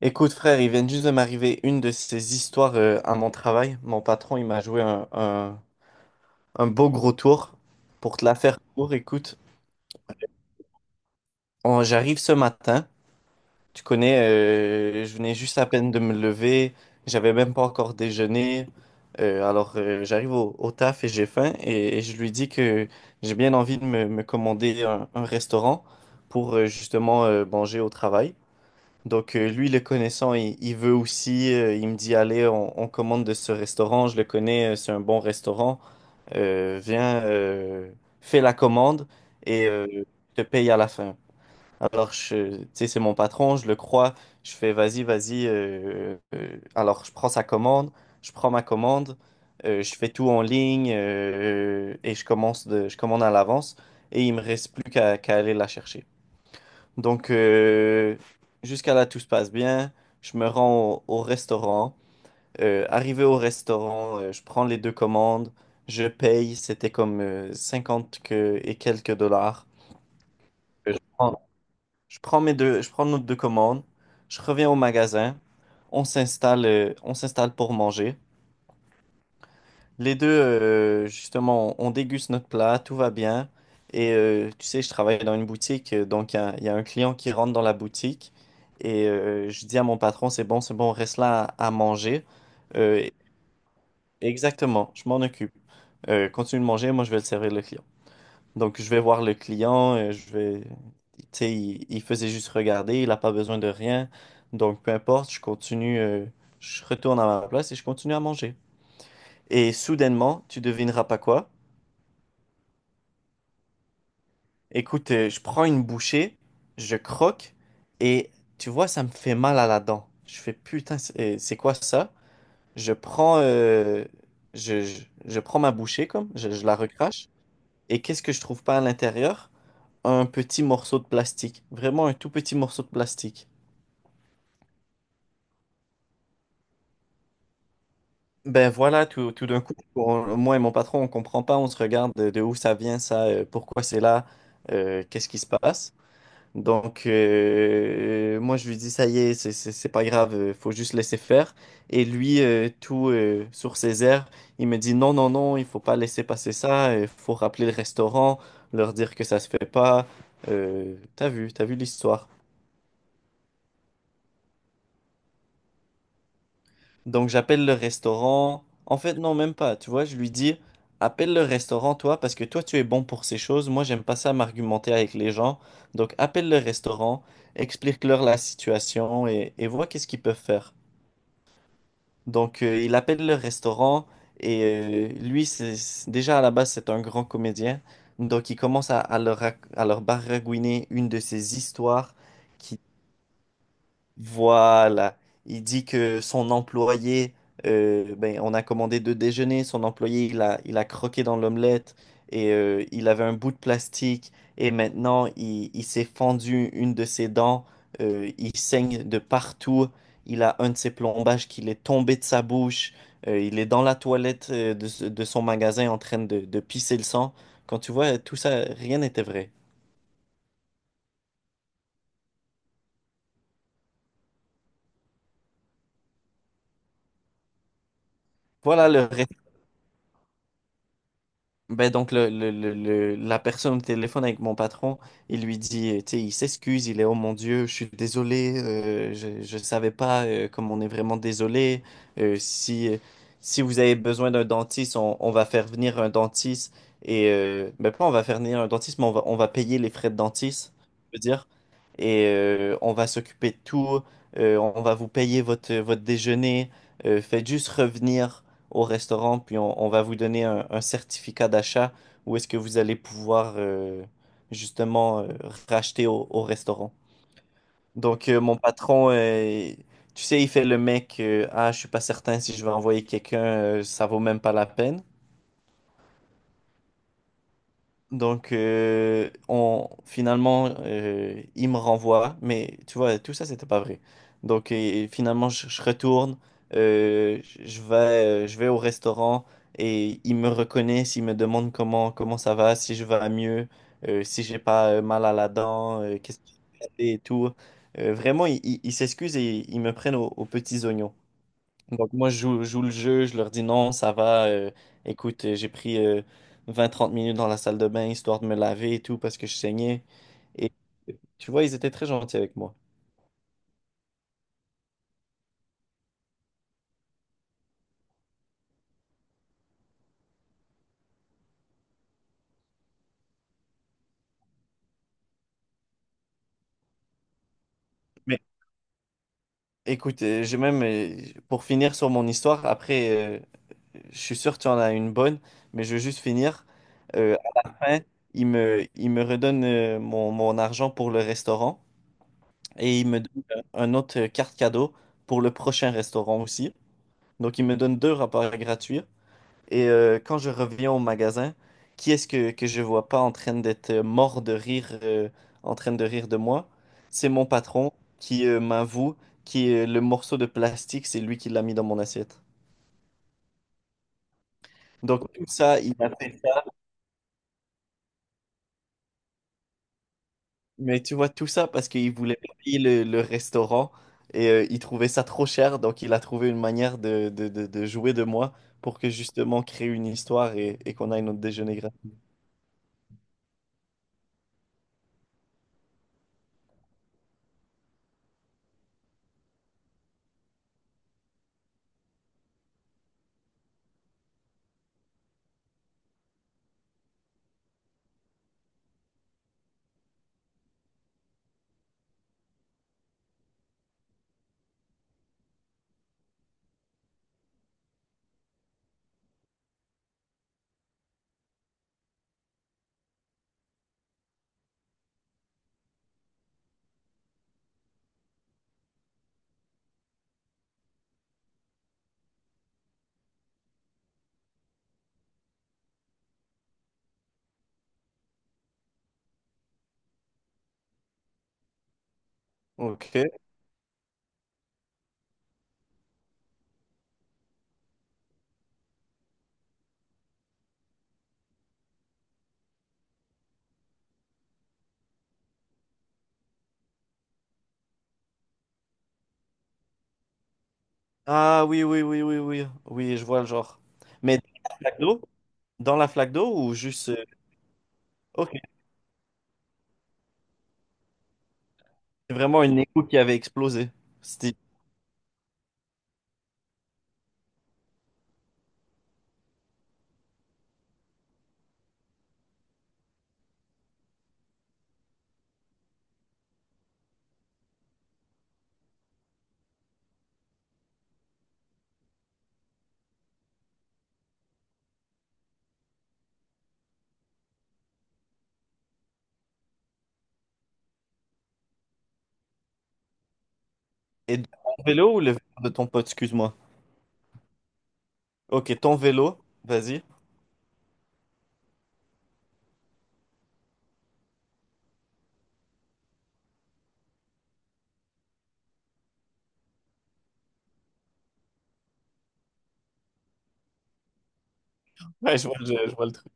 Écoute, frère, il vient juste de m'arriver une de ces histoires à mon travail. Mon patron, il m'a joué un beau gros tour. Pour te la faire court, écoute, j'arrive ce matin. Tu connais, je venais juste à peine de me lever. J'avais même pas encore déjeuné. Alors, j'arrive au taf et j'ai faim. Et je lui dis que j'ai bien envie de me commander un restaurant pour justement manger au travail. Donc, lui, le connaissant, il veut aussi, il me dit, allez, on commande de ce restaurant, je le connais, c'est un bon restaurant. Viens, fais la commande et je te paye à la fin. Alors, tu sais, c'est mon patron, je le crois, je fais, vas-y, vas-y, alors je prends sa commande, je prends ma commande, je fais tout en ligne, et je commande à l'avance et il me reste plus qu'à aller la chercher. Donc, jusqu'à là, tout se passe bien. Je me rends au restaurant. Arrivé au restaurant, je prends les deux commandes. Je paye. C'était comme 50 et quelques dollars. Euh, Je prends, je prends nos deux commandes. Je reviens au magasin. On s'installe pour manger. Justement, on déguste notre plat, tout va bien. Et tu sais, je travaille dans une boutique, donc il y a un client qui rentre dans la boutique. Et je dis à mon patron, c'est bon, reste là à manger. Euh, Exactement, je m'en occupe. Continue de manger, moi je vais le servir le client. Donc je vais voir le client. Tu sais, il faisait juste regarder, il n'a pas besoin de rien. Donc peu importe, je continue, je retourne à ma place et je continue à manger. Et soudainement, tu devineras pas quoi? Écoute, je prends une bouchée, je croque et tu vois, ça me fait mal à la dent. Je fais putain, c'est quoi ça? Je prends, euh, je prends ma bouchée comme, je la recrache et qu'est-ce que je trouve pas à l'intérieur? Un petit morceau de plastique, vraiment un tout petit morceau de plastique. Ben voilà, tout d'un coup, moi et mon patron, on comprend pas, on se regarde de où ça vient ça, pourquoi c'est là, qu'est-ce qui se passe? Donc, moi, je lui dis, ça y est, c'est pas grave, faut juste laisser faire. Et lui, tout sur ses airs, il me dit, non, non, non, il faut pas laisser passer ça, il faut rappeler le restaurant, leur dire que ça se fait pas. T'as vu, t'as vu l'histoire. Donc, j'appelle le restaurant. En fait, non, même pas, tu vois, je lui dis, appelle le restaurant, toi, parce que toi, tu es bon pour ces choses. Moi, j'aime pas ça m'argumenter avec les gens. Donc, appelle le restaurant, explique-leur la situation et vois qu'est-ce qu'ils peuvent faire. Donc, il appelle le restaurant et lui, déjà à la base, c'est un grand comédien. Donc, il commence à leur baragouiner une de ses histoires, voilà. Il dit que son employé, ben, on a commandé deux déjeuners, son employé, il a croqué dans l'omelette et il avait un bout de plastique et maintenant il s'est fendu une de ses dents, il saigne de partout, il a un de ses plombages qui est tombé de sa bouche, il est dans la toilette, de son magasin en train de pisser le sang. Quand tu vois tout ça, rien n'était vrai. Voilà le Ben donc la personne au téléphone avec mon patron, il lui dit, tu sais, il s'excuse, il est, oh mon Dieu, je suis désolé, je savais pas, comme on est vraiment désolé. euh, si euh, Si vous avez besoin d'un dentiste, on va faire venir un dentiste. Et ben pas on va faire venir un dentiste, mais on va payer les frais de dentiste, je veux dire, et on va s'occuper de tout, on va vous payer votre déjeuner, faites juste revenir au restaurant, puis on va vous donner un certificat d'achat où est-ce que vous allez pouvoir justement racheter au restaurant. Donc, mon patron, tu sais, il fait le mec, ah, je suis pas certain si je vais envoyer quelqu'un, ça vaut même pas la peine. Donc, finalement, il me renvoie, mais tu vois, tout ça, c'était pas vrai. Donc, et finalement, je retourne, je vais au restaurant et ils me reconnaissent, ils me demandent comment ça va, si je vais mieux, si j'ai pas mal à la dent, qu'est-ce que j'ai fait et tout. Vraiment, ils s'excusent et ils me prennent aux petits oignons. Donc moi, je joue le jeu, je leur dis non, ça va, écoute, j'ai pris 20 30 minutes dans la salle de bain histoire de me laver et tout parce que je saignais. Et tu vois, ils étaient très gentils avec moi. Mais écoute, pour finir sur mon histoire, après, euh, je suis sûr que tu en as une bonne, mais je veux juste finir. À la fin, ils me redonnent mon argent pour le restaurant et ils me donnent un autre carte cadeau pour le prochain restaurant aussi. Donc, ils me donnent deux rapports gratuits. Et quand je reviens au magasin, qui est-ce que je vois pas en train d'être, mort de rire, en train de rire de moi? C'est mon patron qui m'avoue que le morceau de plastique, c'est lui qui l'a mis dans mon assiette. Donc tout ça, il a fait ça. Mais tu vois, tout ça parce qu'il voulait pas payer le restaurant et il trouvait ça trop cher. Donc il a trouvé une manière de jouer de moi pour que justement créer une histoire et qu'on aille notre déjeuner gratuit. Donc. Ah oui, oui, oui, oui, oui. Oui, je vois le genre. Mais des flaques d'eau? Dans la flaque d'eau ou juste... Ok, c'est vraiment une écho qui avait explosé. C'était... Et ton vélo ou le vélo de ton pote, excuse-moi. Ok, ton vélo, vas-y. Ouais, je vois, je vois le truc.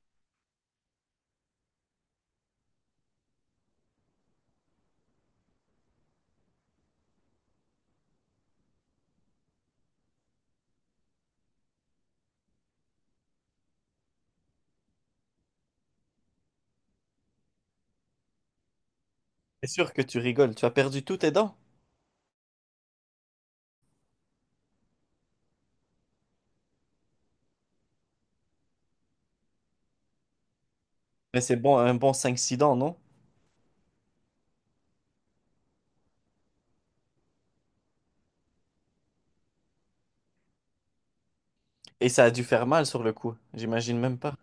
C'est sûr que tu rigoles, tu as perdu tous tes dents. Mais c'est bon, un bon cinq six dents, non? Et ça a dû faire mal sur le coup, j'imagine même pas.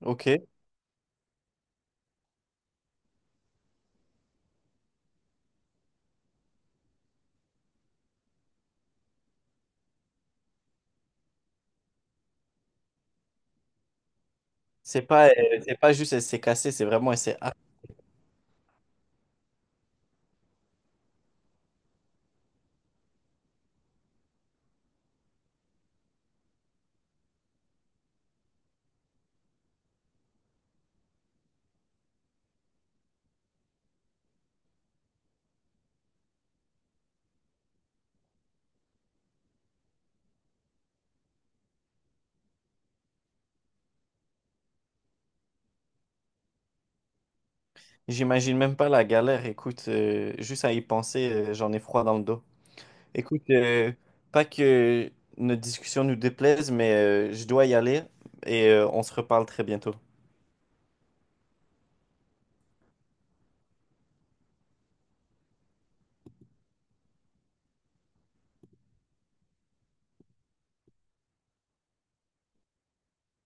Ok, c'est pas, euh, c'est pas juste elle s'est cassée, c'est vraiment elle s'est... ah. J'imagine même pas la galère, écoute, juste à y penser, j'en ai froid dans le dos. Écoute, pas que notre discussion nous déplaise, mais je dois y aller et on se reparle très bientôt.